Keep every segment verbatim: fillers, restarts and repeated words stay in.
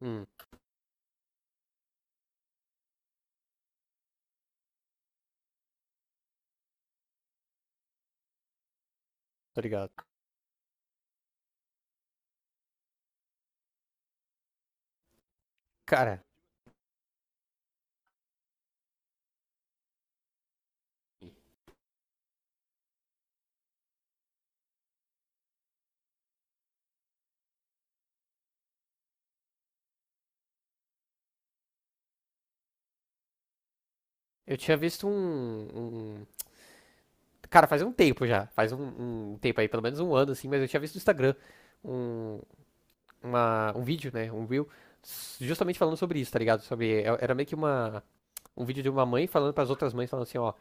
Hum, tô ligado. Cara, eu tinha visto um, um- cara, faz um tempo já. Faz um, um tempo aí, pelo menos um ano, assim, mas eu tinha visto no Instagram um, uma, um vídeo, né? Um reel, s- justamente falando sobre isso, tá ligado? Sobre. é- Era meio que uma. um vídeo de uma mãe falando pras outras mães, falando assim, ó,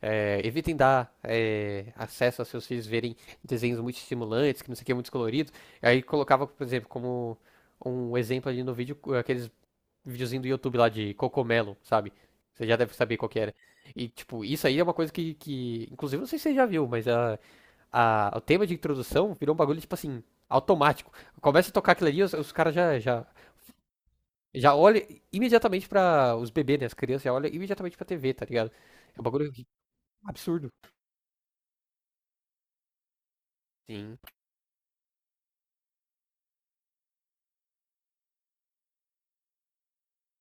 é, evitem dar é, acesso aos seus filhos verem desenhos muito estimulantes, que não sei o que, muito coloridos. Aí colocava, por exemplo, como um exemplo ali no vídeo, aqueles videozinho do YouTube lá de Cocomelo, sabe? Você já deve saber qual que era. E, tipo, isso aí é uma coisa que, que inclusive, não sei se você já viu, mas a, a, o tema de introdução virou um bagulho, tipo assim, automático. Começa a tocar aquilo ali, os, os caras já, já, já olham imediatamente pra. Os bebês, né? As crianças já olham imediatamente pra T V, tá ligado? É um bagulho absurdo. Sim.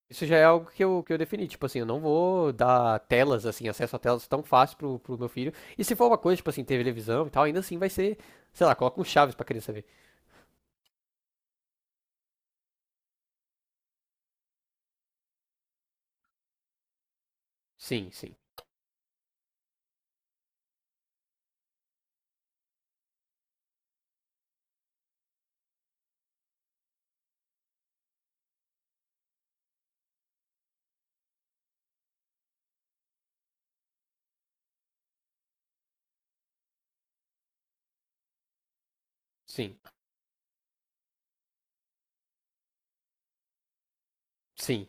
Isso já é algo que eu, que eu defini. Tipo assim, eu não vou dar telas, assim, acesso a telas tão fácil pro, pro meu filho. E se for uma coisa, tipo assim, televisão e tal, ainda assim vai ser, sei lá, coloca um Chaves pra criança ver. Sim, sim, sim, sim.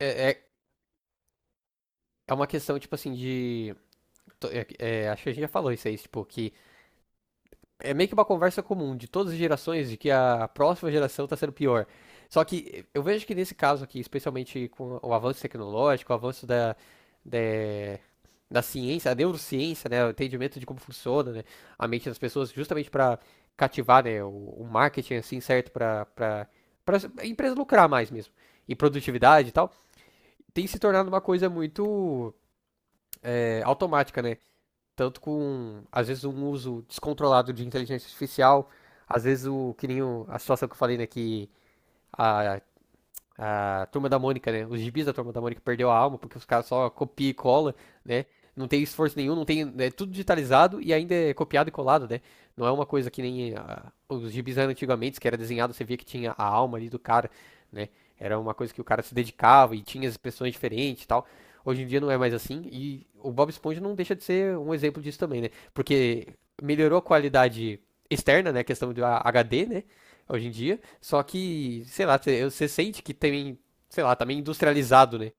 É, é, é uma questão, tipo assim, de. to- é- é, acho que a gente já falou isso aí, tipo, que é meio que uma conversa comum de todas as gerações de que a próxima geração tá sendo pior. Só que eh, eu vejo que nesse caso aqui, especialmente com o avanço tecnológico, o avanço da, da, da ciência, a neurociência, né, o entendimento de como funciona, né, a mente das pessoas, justamente pra cativar, né, o, o marketing, assim, certo, pra, pra, pra empresa lucrar mais mesmo, e produtividade e tal. Tem se tornado uma coisa muito é, automática, né? Tanto com, às vezes, um uso descontrolado de inteligência artificial, às vezes o que nem o- a situação que eu falei, né, que a a Turma da Mônica, né? Os gibis da Turma da Mônica perdeu a alma, porque os caras só copia e cola, né? Não tem esforço nenhum, não tem. Né? É tudo digitalizado e ainda é copiado e colado, né? Não é uma coisa que nem ah, os gibis eram antigamente, que era desenhado, você via que tinha a alma ali do cara, né? Era uma coisa que o cara se dedicava e tinha as expressões diferentes e tal. Hoje em dia não é mais assim. E o Bob Esponja não deixa de ser um exemplo disso também, né? Porque melhorou a qualidade externa, né? A questão do H D, né? Hoje em dia só que, sei lá, cê- você sente que tem, sei lá, tá meio industrializado, né?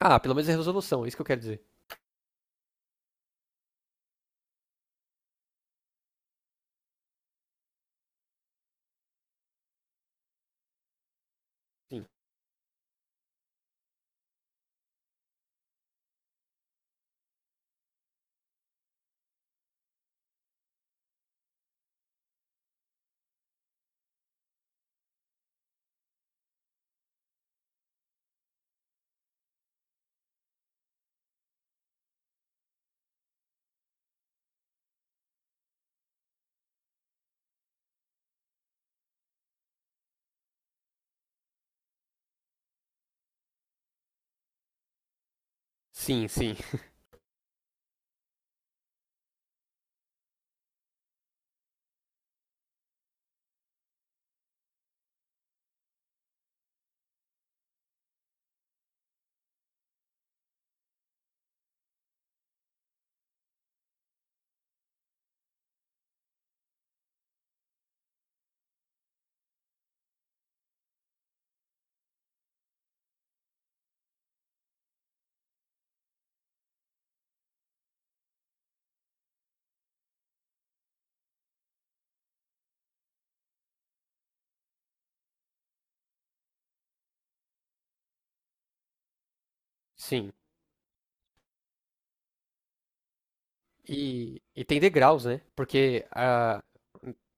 Ah, pelo menos é resolução, é isso que eu quero dizer. Sim, sim, sim. Sim. E, e tem degraus, né? Porque a,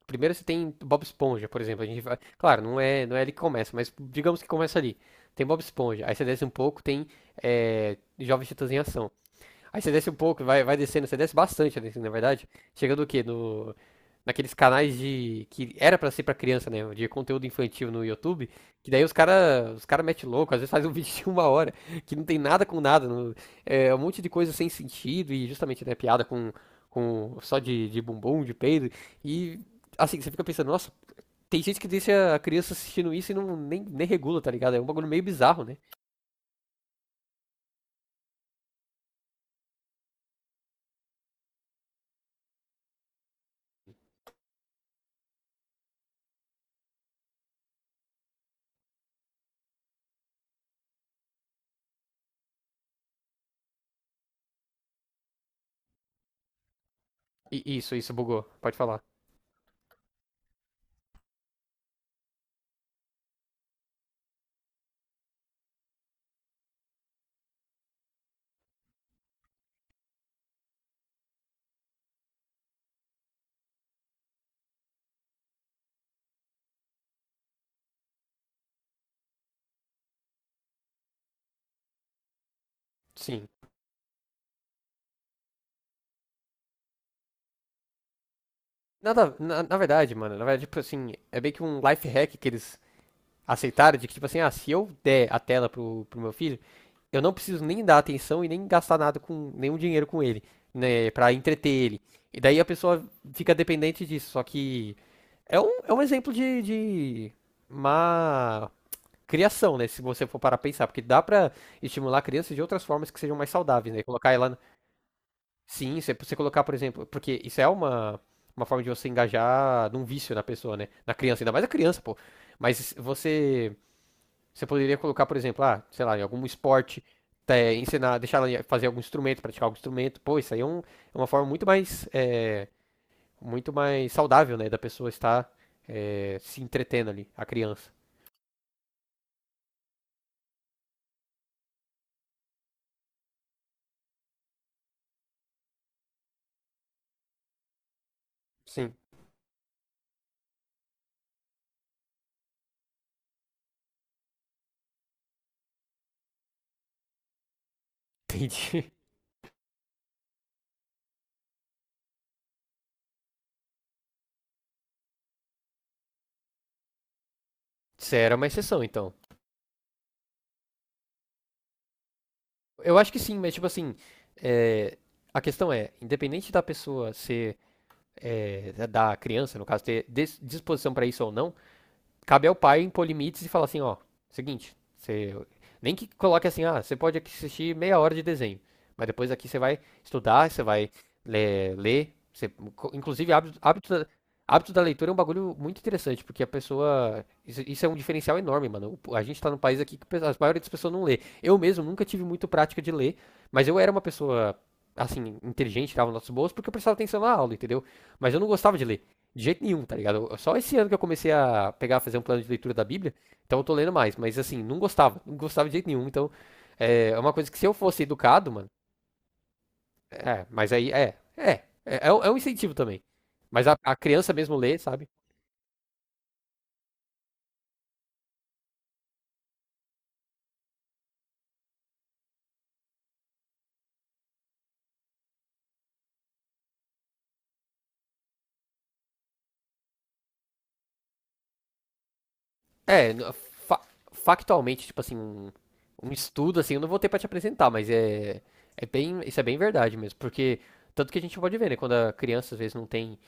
primeiro você tem Bob Esponja, por exemplo. A gente vai, claro, não é, não é ele que começa, mas digamos que começa ali. Tem Bob Esponja, aí você desce um pouco, tem é, Jovens Titãs em Ação. Aí você desce um pouco, vai, vai descendo, você desce bastante, né, na verdade. Chegando o quê? No, naqueles canais de. Que era pra ser pra criança, né? De conteúdo infantil no YouTube. Que daí os cara, os cara mete louco, às vezes faz um vídeo de uma hora, que não tem nada com nada. não- É um monte de coisa sem sentido e justamente, né, piada com, com só de, de bumbum, de peido. E assim, você fica pensando, nossa, tem gente que deixa a criança assistindo isso e não nem, nem regula, tá ligado? É um bagulho meio bizarro, né? E, isso, isso bugou, pode falar. Sim. Nada, na, na verdade, mano, na verdade, tipo assim, é meio que um life hack que eles aceitaram de que, tipo assim, ah, se eu der a tela pro, pro meu filho, eu não preciso nem dar atenção e nem gastar nada com, nenhum dinheiro com ele, né, pra entreter ele. E daí a pessoa fica dependente disso, só que é um, é um exemplo de, de má criação, né, se você for parar a pensar, porque dá pra estimular a criança de outras formas que sejam mais saudáveis, né, colocar ela. Sim, você, você colocar, por exemplo, porque isso é uma, uma forma de você engajar num vício na pessoa, né? Na criança, ainda mais a criança, pô. Mas você, você poderia colocar, por exemplo, ah, sei lá, em algum esporte, é, ensinar, deixar ela fazer algum instrumento, praticar algum instrumento. Pô, isso aí é, um- é uma forma muito mais, é, muito mais saudável, né? Da pessoa estar, é, se entretendo ali, a criança. Sim, entendi. Você era uma exceção, então. Eu acho que sim, mas tipo assim, é, a questão é, independente da pessoa ser é, da criança, no caso, ter disposição para isso ou não, cabe ao pai impor limites e falar assim, ó, seguinte, você nem que coloque assim, ah, você pode assistir meia hora de desenho, mas depois aqui você vai estudar, você vai ler, ler você, inclusive hábito, hábito da, hábito da leitura é um bagulho muito interessante, porque a pessoa, isso, isso é um diferencial enorme, mano. A gente tá num país aqui que a maioria das pessoas não lê. Eu mesmo nunca tive muito prática de ler, mas eu era uma pessoa assim, inteligente, tava nos nossos bolsos, porque eu prestava atenção na aula, entendeu? Mas eu não gostava de ler. De jeito nenhum, tá ligado? Eu- Só esse ano que eu comecei a pegar, fazer um plano de leitura da Bíblia, então eu tô lendo mais, mas assim, não gostava, não gostava de jeito nenhum, então é é uma coisa que se eu fosse educado, mano, é, mas aí é, é, é, é um é um incentivo também. Mas a, a criança mesmo lê, sabe? É, n- fa- factualmente, tipo assim, um, um estudo assim, eu não vou ter pra te apresentar, mas é, é bem, isso é bem verdade mesmo, porque tanto que a gente pode ver, né, quando a criança às vezes não tem,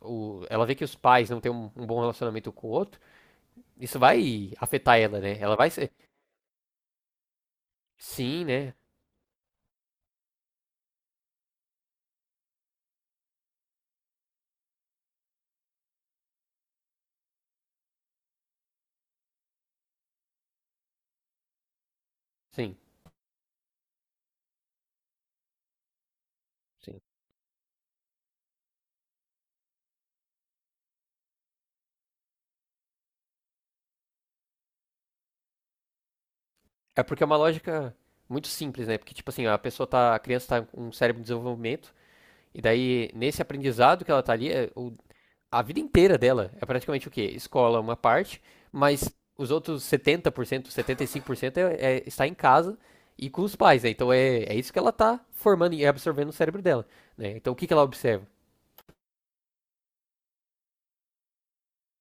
o, o- ela vê que os pais não têm um, um bom relacionamento com o outro, isso vai afetar ela, né? Ela vai ser. Sim, né? Sim, sim. É porque é uma lógica muito simples, né? Porque, tipo assim, a pessoa tá. A criança tá com um cérebro em desenvolvimento, e daí, nesse aprendizado que ela tá ali, é o- a vida inteira dela é praticamente o quê? Escola, uma parte, mas os outros setenta por cento, setenta e cinco por cento é, é, está em casa e com os pais, né? Então é, é isso que ela tá formando e absorvendo no cérebro dela, né? Então o que que ela observa?